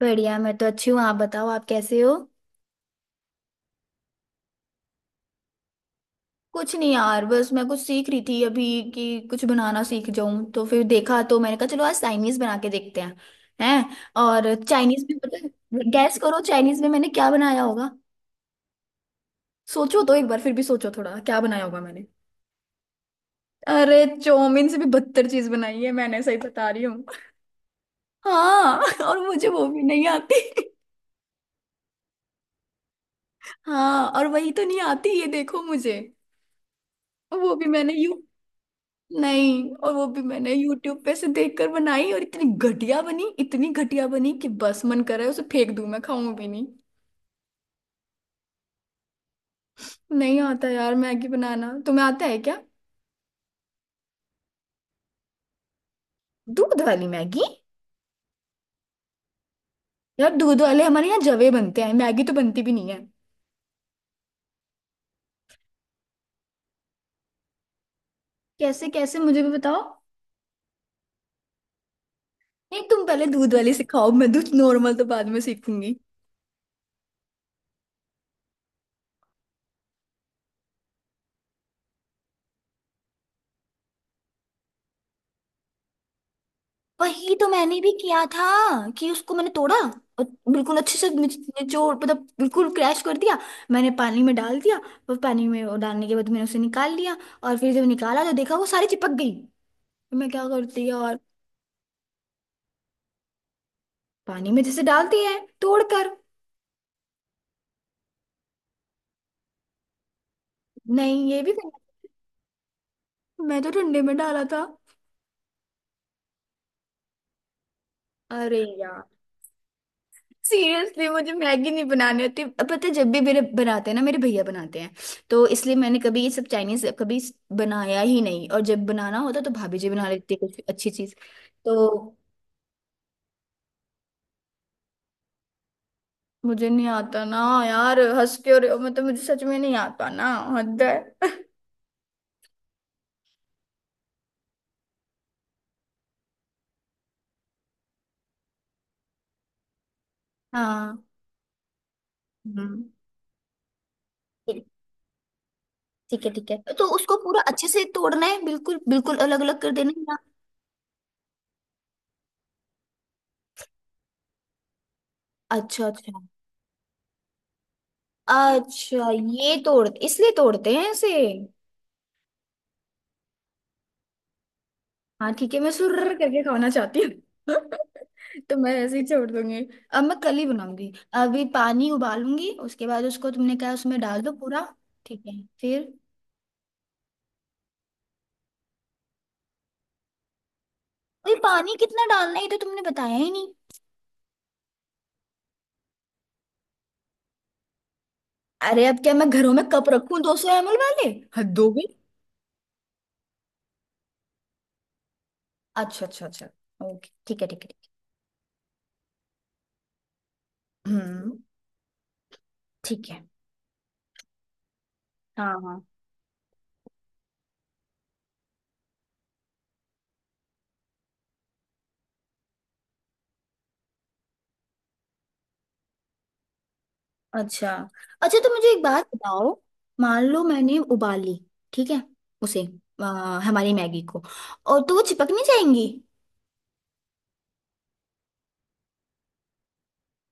बढ़िया, मैं तो अच्छी हूँ। आप बताओ, आप कैसे हो। कुछ नहीं यार, बस मैं कुछ सीख रही थी अभी कि कुछ बनाना सीख जाऊं। तो फिर देखा तो मैंने कहा चलो आज चाइनीज बना के देखते हैं। हैं। और चाइनीज में पता है, गैस करो चाइनीज में मैंने क्या बनाया होगा। सोचो तो एक बार, फिर भी सोचो थोड़ा, क्या बनाया होगा मैंने। अरे चौमिन से भी बदतर चीज बनाई है मैंने, सही बता रही हूँ। हाँ और मुझे वो भी नहीं आती। हाँ, और वही तो नहीं आती, ये देखो मुझे। वो भी मैंने यू नहीं, और वो भी मैंने यूट्यूब पे से देखकर बनाई और इतनी घटिया बनी, इतनी घटिया बनी कि बस मन कर रहा है उसे फेंक दूं, मैं खाऊं भी नहीं। नहीं आता यार मैगी बनाना, तुम्हें आता है क्या। दूध वाली मैगी? यार दूध वाले हमारे यहाँ जवे बनते हैं, मैगी तो बनती भी नहीं है। कैसे कैसे, मुझे भी बताओ। नहीं तुम पहले दूध वाली सिखाओ, मैं दूध नॉर्मल तो बाद में सीखूंगी। वही तो मैंने भी किया था कि उसको मैंने तोड़ा और बिल्कुल अच्छे से निचोड़ मतलब बिल्कुल क्रैश कर दिया। मैंने पानी में डाल दिया और पानी में वो डालने के बाद मैंने उसे निकाल लिया। और फिर जब निकाला तो देखा वो सारी चिपक गई, तो मैं क्या करती यार। पानी में जैसे डालती है तोड़ कर। नहीं ये भी करना। मैं तो ठंडे में डाला था। अरे सीरियसली मुझे मैगी नहीं बनानी होती अब, पता है, जब भी मेरे बनाते हैं ना, मेरे भैया बनाते हैं, तो इसलिए मैंने कभी ये सब चाइनीज कभी बनाया ही नहीं। और जब बनाना होता तो भाभी जी बना लेती है कुछ अच्छी चीज। तो मुझे नहीं आता ना। यार हंस क्यों रहे हो, मतलब मुझे सच में नहीं आता ना। हद है। हाँ। हम्म। ठीक। ठीक है ठीक है, तो उसको पूरा अच्छे से तोड़ना है, बिल्कुल बिल्कुल अलग अलग कर देना है ना। अच्छा अच्छा। अच्छा, ये तोड़ इसलिए तोड़ते हैं इसे? हाँ ठीक है, मैं सुर्र करके खाना चाहती हूँ तो मैं ऐसे ही छोड़ दूंगी। अब मैं कल ही बनाऊंगी। अभी पानी उबालूंगी, उसके बाद उसको तुमने कहा उसमें डाल दो पूरा। ठीक है। फिर? अरे पानी कितना डालना है ये तो तुमने बताया ही नहीं। अरे अब क्या मैं घरों में कप रखूं 200 ml वाले। हद हो गई। अच्छा अच्छा अच्छा, ओके ठीक है ठीक है। ठीक है, हम्म। ठीक है। हाँ हाँ। अच्छा अच्छा, तो मुझे एक बात बताओ, मान लो मैंने उबाली, ठीक है उसे, हमारी मैगी को, और तो वो चिपक नहीं जाएंगी?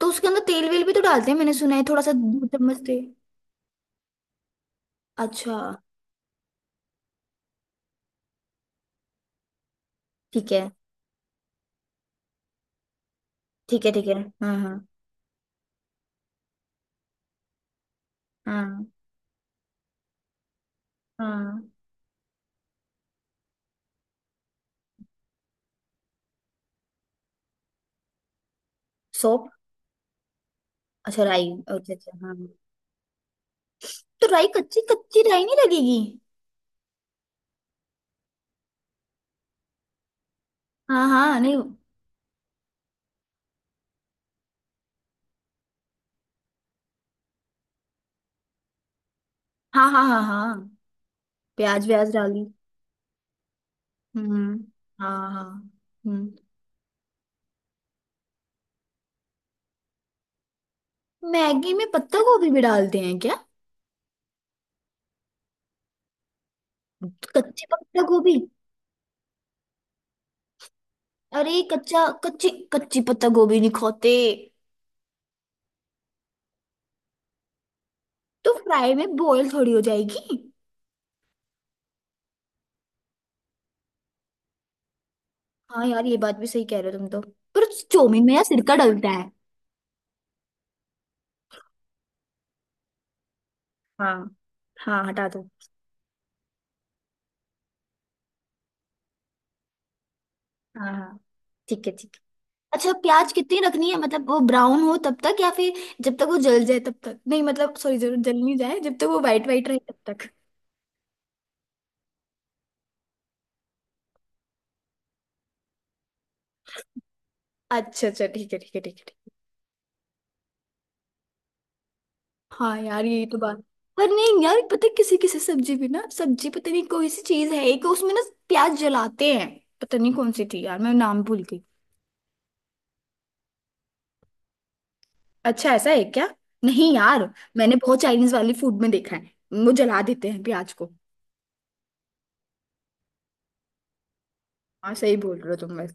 तो उसके अंदर तेल वेल भी तो डालते हैं, मैंने सुना है थोड़ा सा 2 चम्मच तेल। अच्छा। ठीक है ठीक है ठीक है। हाँ हाँ। हाँ हाँ। सौंफ? अच्छा राई, अच्छा अच्छा हाँ। तो राई कच्ची, कच्ची राई नहीं लगेगी? हाँ हाँ नहीं। हाँ हाँ हाँ हाँ। प्याज व्याज डाली? हम्म। हाँ हाँ। हम्म। मैगी में पत्ता गोभी भी डालते हैं क्या? कच्ची पत्ता गोभी? अरे कच्चा कच्ची, कच्ची पत्ता गोभी नहीं खाते। तो फ्राई में बॉईल थोड़ी हो जाएगी। हाँ यार ये बात भी सही कह रहे हो तुम तो। पर चौमिन में यार सिरका डलता है। हाँ। हाँ, हटा दो। हाँ हाँ। ठीक है ठीक है। अच्छा, प्याज कितनी रखनी है, मतलब वो ब्राउन हो तब तक या फिर जब तक वो जल जाए तब तक? नहीं मतलब सॉरी, जल जल नहीं जाए, जब तक वो वाइट वाइट रहे तब तक? अच्छा अच्छा ठीक है ठीक है ठीक है ठीक है। हाँ यार यही तो बात। पर नहीं यार, पता है किसी किसी सब्जी भी ना, सब्जी पता नहीं कोई सी चीज है एक उसमें ना, प्याज जलाते हैं। पता नहीं कौन सी थी यार, मैं नाम भूल गई। अच्छा ऐसा है क्या? नहीं यार, मैंने बहुत चाइनीज वाली फूड में देखा है, वो जला देते हैं प्याज को। हाँ सही बोल रहे हो तुम बस।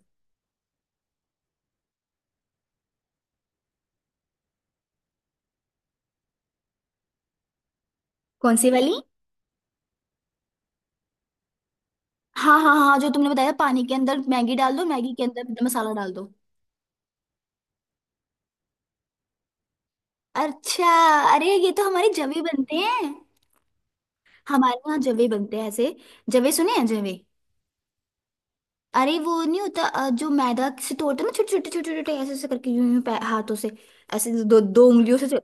कौन सी वाली? हाँ हाँ हाँ, जो तुमने बताया पानी के अंदर मैगी डाल दो, मैगी के अंदर मसाला डाल दो। अच्छा। अरे ये तो हमारे जवे बनते हैं। हमारे यहाँ जवे बनते हैं ऐसे। जवे, सुने हैं जवे? अरे वो नहीं होता जो मैदा से तोड़ते हैं ना, छोटे छोटे छोटे छोटे, ऐसे ऐसे करके, यूं यूं हाथों से, ऐसे 2-2 उंगलियों से।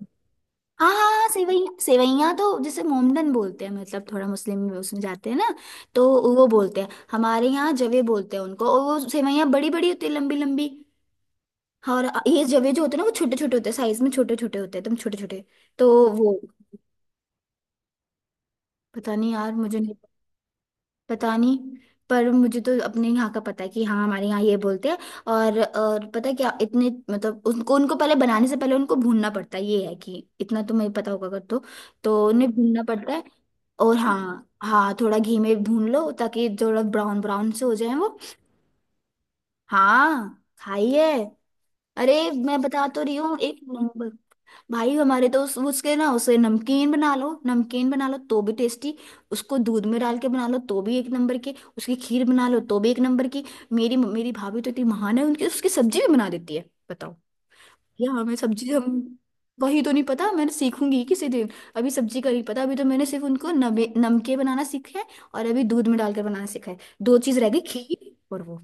हाँ हाँ हाँ, सेवइयाँ। सेवइयाँ तो जैसे मोमडन बोलते हैं, मतलब थोड़ा मुस्लिम में उसमें जाते हैं ना, तो वो बोलते हैं। हमारे यहाँ जवे बोलते हैं उनको, और वो सेवइयाँ बड़ी बड़ी होती है, लंबी लंबी। हाँ, और ये जवे जो होते हैं ना, वो छोटे छोटे होते हैं, साइज में छोटे छोटे होते हैं, एकदम छोटे छोटे। तो वो, पता नहीं यार मुझे नहीं पता नहीं। पर मुझे तो अपने यहाँ का पता है कि हाँ हमारे यहाँ ये बोलते हैं। और पता है क्या इतने, उनको उनको पहले बनाने से पहले उनको भूनना पड़ता है, ये है कि इतना तुम्हें पता होगा अगर तो, तो उन्हें भूनना पड़ता है। और हाँ हाँ थोड़ा घी में भून लो ताकि थोड़ा ब्राउन ब्राउन से हो जाए वो। हाँ खाइए। अरे मैं बता तो रही हूँ, एक नंबर। भाई हमारे तो उस उसके ना, उसे नमकीन बना लो तो भी टेस्टी, उसको दूध में डाल के बना लो तो भी एक नंबर की, उसकी खीर बना लो तो भी एक नंबर की। मेरी मेरी भाभी तो इतनी महान है, उनकी उसकी सब्जी भी बना देती है, बताओ। या हमें सब्जी हम, वही तो नहीं पता, मैंने सीखूंगी किसी दिन। अभी सब्जी का नहीं पता, अभी तो मैंने सिर्फ उनको नमे नमके बनाना सीखा है और अभी दूध में डालकर बनाना सीखा है, दो चीज रह गई, खीर और वो।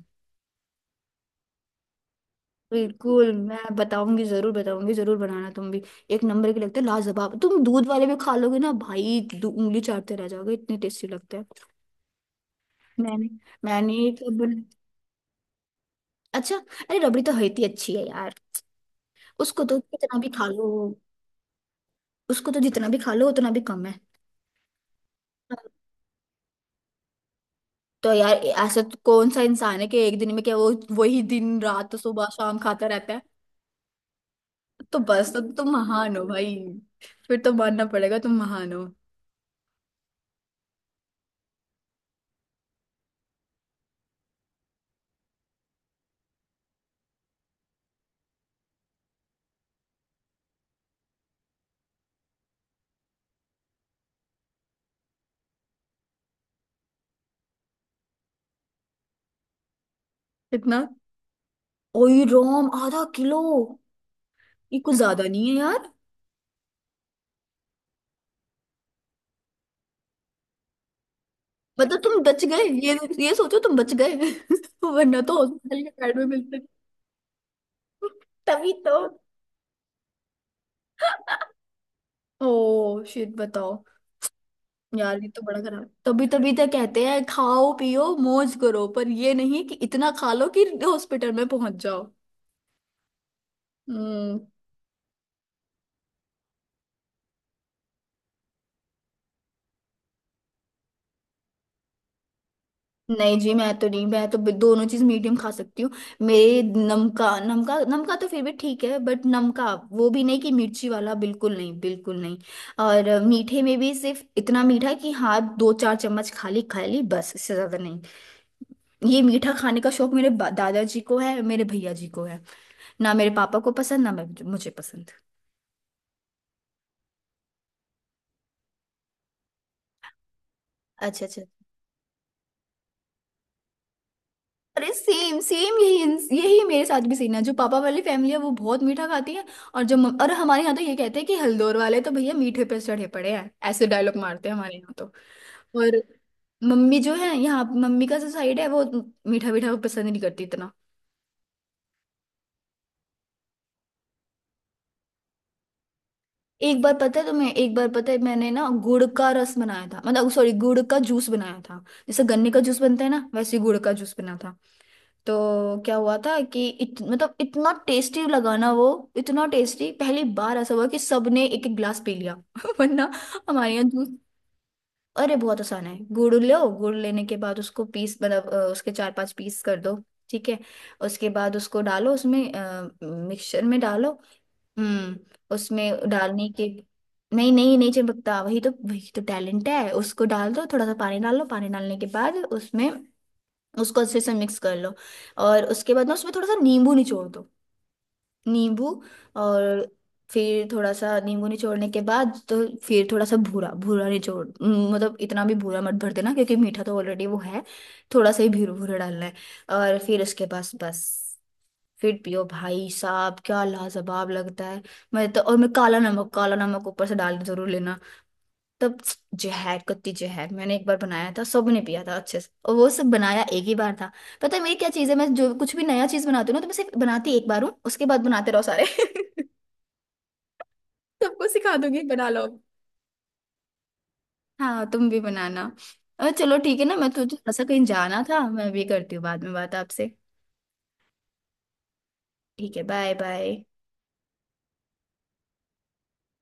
बिल्कुल मैं बताऊंगी, जरूर बताऊंगी, जरूर बनाना तुम भी। एक नंबर के लगते हैं, लाजवाब, तुम दूध वाले भी खा लोगे ना भाई, उंगली चाटते रह जाओगे, इतने टेस्टी लगते हैं। मैंने मैंने अच्छा। अरे रबड़ी तो होती अच्छी है यार, उसको तो कितना भी खा लो। उसको तो जितना भी खा लो उतना भी कम है। तो यार ऐसा तो कौन सा इंसान है कि एक दिन में क्या वो, वही दिन रात सुबह शाम खाता रहता है। तो बस तो तुम महान हो भाई। फिर तो मानना पड़ेगा, तुम महान हो। इतना? ओई रोम, आधा किलो? ये कुछ ज्यादा नहीं है यार। मतलब तुम बच गए, ये सोचो तुम बच गए वरना तो हॉस्पिटल के बेड में मिलते। तभी तो। ओ शिट, बताओ। यार ये तो बड़ा खराब, तभी तभी तो कहते हैं खाओ पियो मौज करो पर ये नहीं कि इतना खा लो कि हॉस्पिटल में पहुंच जाओ। हम्म। नहीं जी मैं तो नहीं, मैं तो दोनों चीज मीडियम खा सकती हूँ। मेरे नमका नमका नमका तो फिर भी ठीक है, बट नमका वो भी नहीं कि मिर्ची वाला, बिल्कुल नहीं बिल्कुल नहीं। और मीठे में भी सिर्फ इतना मीठा कि हाँ 2-4 चम्मच खाली खा ली बस, इससे ज्यादा नहीं। ये मीठा खाने का शौक मेरे दादाजी को है, मेरे भैया जी को है, ना मेरे पापा को पसंद, ना मैं मुझे पसंद। अच्छा अच्छा। अरे सेम सेम, यही यही मेरे साथ भी सीन है, जो पापा वाली फैमिली है वो बहुत मीठा खाती है। और जो और हमारे यहाँ तो ये कहते हैं कि हल्दोर वाले तो भैया मीठे पे चढ़े पड़े हैं, ऐसे डायलॉग मारते हैं हमारे यहाँ तो। और मम्मी जो है, यहाँ मम्मी का जो साइड है वो मीठा मीठा पसंद नहीं करती इतना। एक बार पता है तुम्हें, एक बार पता है मैंने ना गुड़ का रस बनाया था, मतलब सॉरी गुड़ का जूस बनाया था, जैसे गन्ने का जूस बनता है ना वैसे ही गुड़ का जूस बना था। तो क्या हुआ था कि मतलब इतना टेस्टी लगा ना वो, इतना टेस्टी, पहली बार ऐसा हुआ कि सबने एक एक ग्लास पी लिया वरना हमारे यहाँ जूस। अरे बहुत आसान है, गुड़ लो, गुड़ लेने के बाद उसको पीस मतलब उसके 4-5 पीस कर दो, ठीक है। उसके बाद उसको डालो उसमें, मिक्सचर में डालो। हम्म। उसमें डालने के, नहीं नहीं नहीं चिपकता, वही तो टैलेंट है। उसको डाल दो, थोड़ा सा पानी डालो, पानी डालने के बाद उसमें उसको अच्छे से मिक्स कर लो। और उसके बाद ना उसमें थोड़ा सा नींबू निचोड़ दो, नींबू। और फिर थोड़ा सा नींबू निचोड़ने के बाद तो, फिर थोड़ा सा भूरा भूरा निचोड़ मतलब इतना भी भूरा मत भर देना क्योंकि मीठा तो ऑलरेडी वो है, थोड़ा सा ही भूरा भूरा डालना है। और फिर उसके पास बस, फिर पियो भाई साहब, क्या लाजवाब लगता है। मैं तो, और मैं काला नमक, काला नमक ऊपर से डाल के जरूर लेना, तब, जहर कत्ती जहर। मैंने एक बार बनाया था, सबने पिया था अच्छे से, और वो सब बनाया एक ही बार था। पता है मेरी क्या चीज़ है, मैं जो कुछ भी नया चीज़ बनाती हूँ ना, तो मैं सिर्फ बनाती एक बार हूँ, उसके बाद बनाते रहो सारे सबको सिखा दूंगी, बना लो, हाँ तुम भी बनाना। और चलो ठीक है ना, मैं तो थोड़ा सा कहीं जाना था, मैं भी करती हूँ बाद में बात आपसे। ठीक है बाय बाय।